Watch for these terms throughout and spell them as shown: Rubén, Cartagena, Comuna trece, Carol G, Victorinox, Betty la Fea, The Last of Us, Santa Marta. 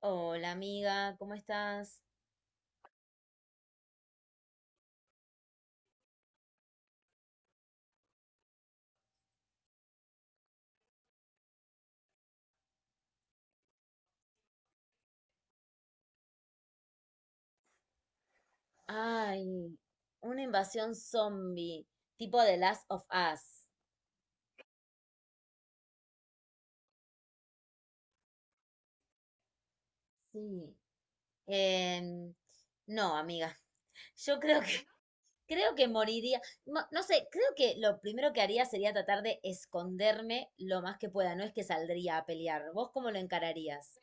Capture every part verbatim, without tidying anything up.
Hola amiga, ¿cómo estás? Ay, una invasión zombie, tipo The Last of Us. Sí. Em, no, amiga, yo creo que, creo que moriría. No, no sé, creo que lo primero que haría sería tratar de esconderme lo más que pueda, no es que saldría a pelear. ¿Vos cómo lo encararías?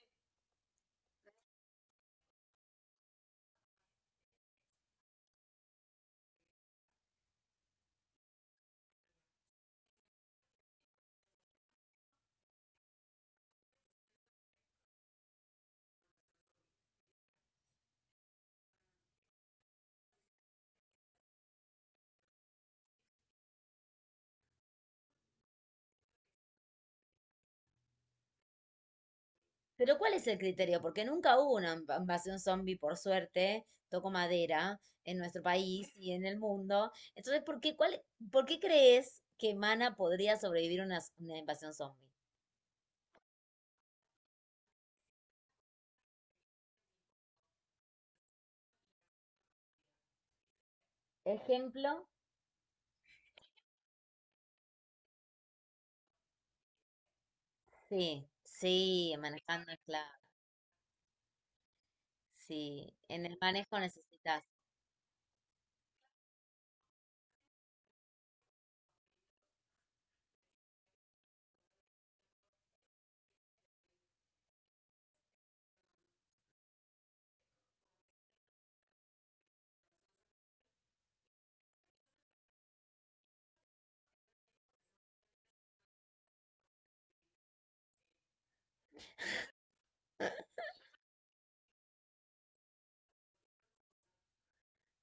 Pero ¿cuál es el criterio? Porque nunca hubo una inv- invasión zombie, por suerte, toco madera, en nuestro país y en el mundo. Entonces, ¿por qué, cuál, por qué crees que Mana podría sobrevivir a una, una invasión zombie? Ejemplo, sí, sí, manejando, claro. Sí, en el manejo necesitas.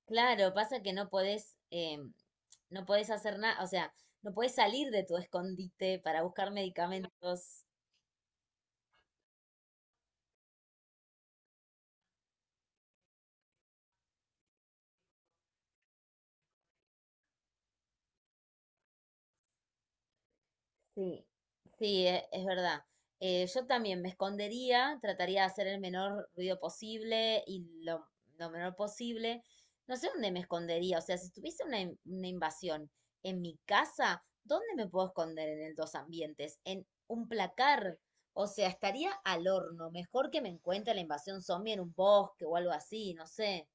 Claro, pasa que no podés, em, no podés hacer nada, o sea, no podés salir de tu escondite para buscar medicamentos. Sí, sí, e- es verdad. Eh, yo también me escondería, trataría de hacer el menor ruido posible y lo, lo menor posible. No sé dónde me escondería, o sea, si tuviese una, in- una invasión en mi casa, ¿dónde me puedo esconder en el dos ambientes? En un placar, o sea, estaría al horno. Mejor que me encuentre la invasión zombie en un bosque o algo así, no sé.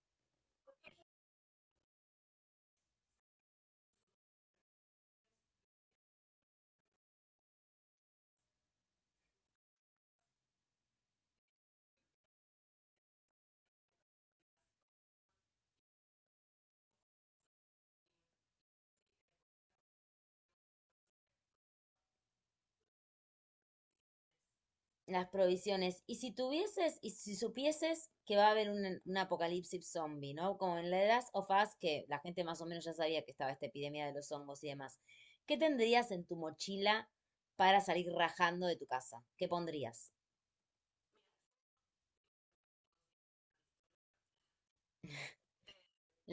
Las provisiones. Y si tuvieses, y si supieses que va a haber un, un apocalipsis zombie, ¿no? Como en The Last of Us, que la gente más o menos ya sabía que estaba esta epidemia de los hongos y demás. ¿Qué tendrías en tu mochila para salir rajando de tu casa? ¿Qué pondrías?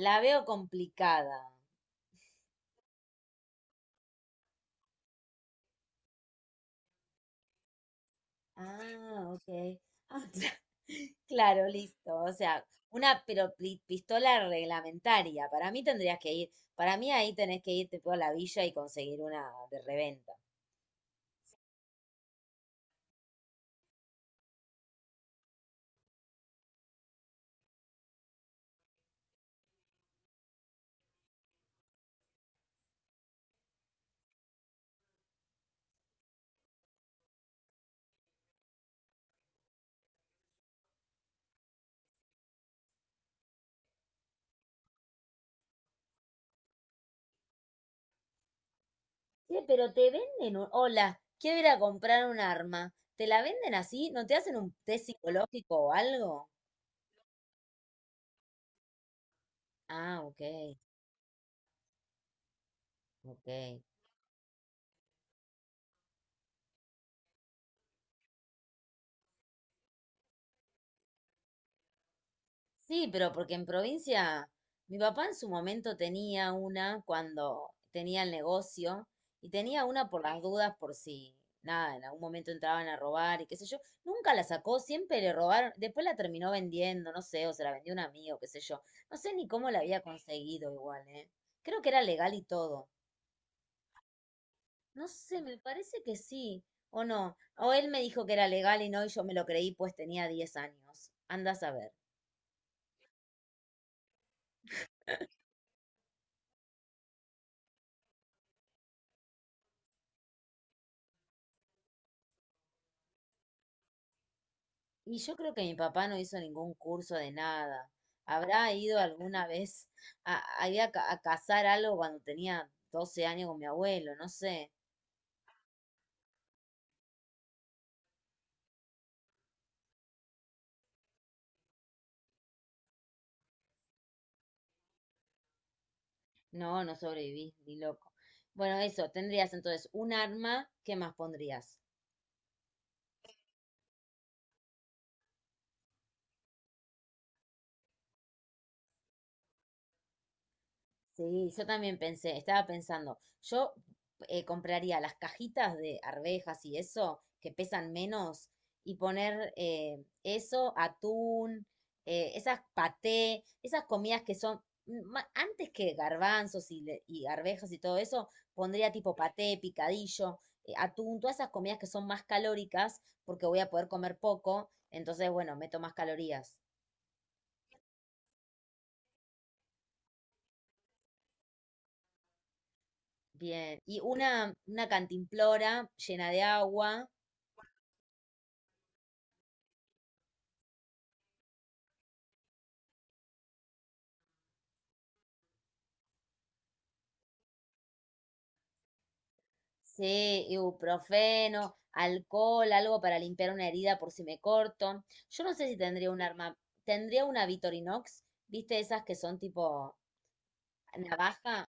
La veo complicada. Ah, ok. Ah, claro, listo. O sea, una pero pi- pistola reglamentaria. Para mí tendrías que ir, para mí ahí tenés que irte por la villa y conseguir una de reventa. Sí, pero te venden un... Hola, quiero ir a comprar un arma. ¿Te la venden así? ¿No te hacen un test psicológico o algo? Ah, ok, ok. Sí, pero porque en provincia, mi papá en su momento tenía una cuando tenía el negocio y tenía una por las dudas por si, nada, en algún momento entraban a robar y qué sé yo. Nunca la sacó, siempre le robaron. Después la terminó vendiendo, no sé, o se la vendió un amigo, qué sé yo. No sé ni cómo la había conseguido igual, ¿eh? Creo que era legal y todo. No sé, me parece que sí, o no. O él me dijo que era legal y no, y yo me lo creí, pues tenía diez años. Anda a saber. Y yo creo que mi papá no hizo ningún curso de nada. ¿Habrá ido alguna vez a, a, ir a ca- a cazar algo cuando tenía doce años con mi abuelo? No sé. No, no sobreviví, ni loco. Bueno, eso, tendrías entonces un arma, ¿qué más pondrías? Sí, yo también pensé, estaba pensando, yo eh, compraría las cajitas de arvejas y eso, que pesan menos, y poner eh, eso, atún, eh, esas paté, esas comidas que son, mm, ma- antes que garbanzos y, le- y arvejas y todo eso, pondría tipo paté, picadillo, eh, atún, todas esas comidas que son más calóricas, porque voy a poder comer poco, entonces, bueno, meto más calorías. Bien, y una, una cantimplora llena de agua. Sí, ibuprofeno, alcohol, algo para limpiar una herida por si me corto. Yo no sé si tendría un arma, tendría una Victorinox, ¿viste esas que son tipo navaja?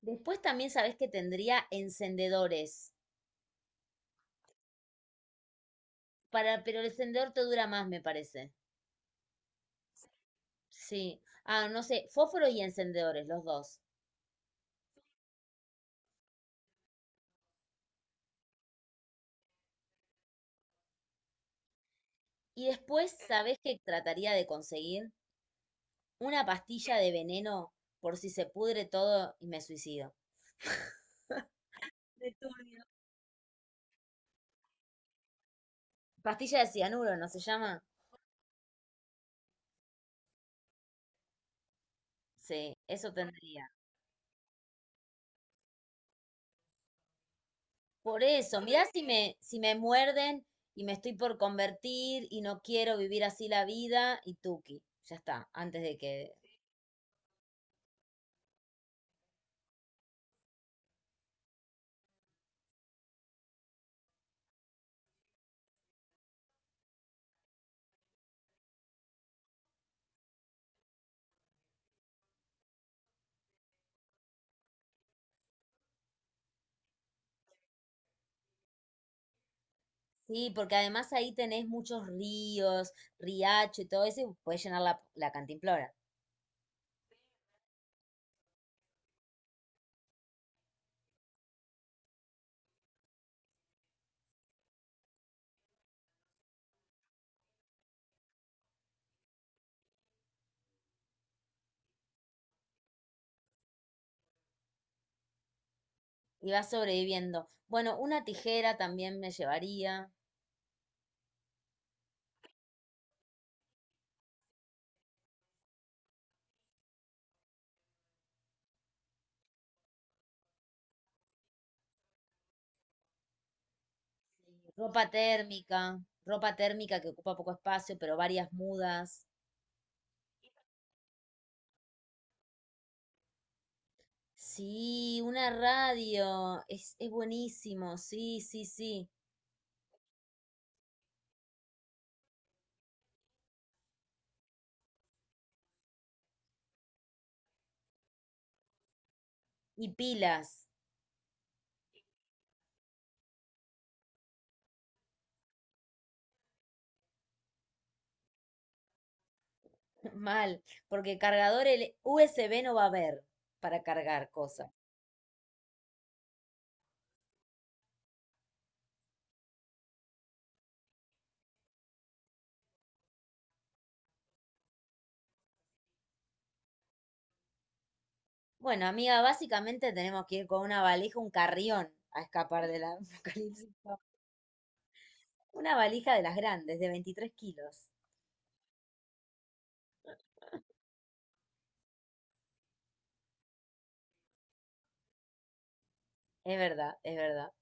Después también sabes que tendría encendedores, para, pero el encendedor te dura más, me parece. Sí. Ah, no sé, fósforo y encendedores, los dos. Y después, ¿sabes que trataría de conseguir? Una pastilla de veneno por si se pudre todo y me suicido. Pastilla de cianuro, ¿no se llama? Sí, eso tendría. Por eso, mirá si me, si me muerden y me estoy por convertir y no quiero vivir así la vida y tuki, ya está, antes de que... Sí, porque además ahí tenés muchos ríos, riacho y todo eso, y puedes llenar la, la cantimplora. Y vas sobreviviendo. Bueno, una tijera también me llevaría, ropa térmica, ropa térmica que ocupa poco espacio, pero varias mudas. Sí, una radio, es, es buenísimo, sí, sí, sí. Y pilas, mal, porque cargador el U S B no va a haber para cargar cosas. Bueno, amiga, básicamente tenemos que ir con una valija, un carrión, a escapar del apocalipsis. Una valija de las grandes, de veintitrés kilos. Es verdad, es verdad.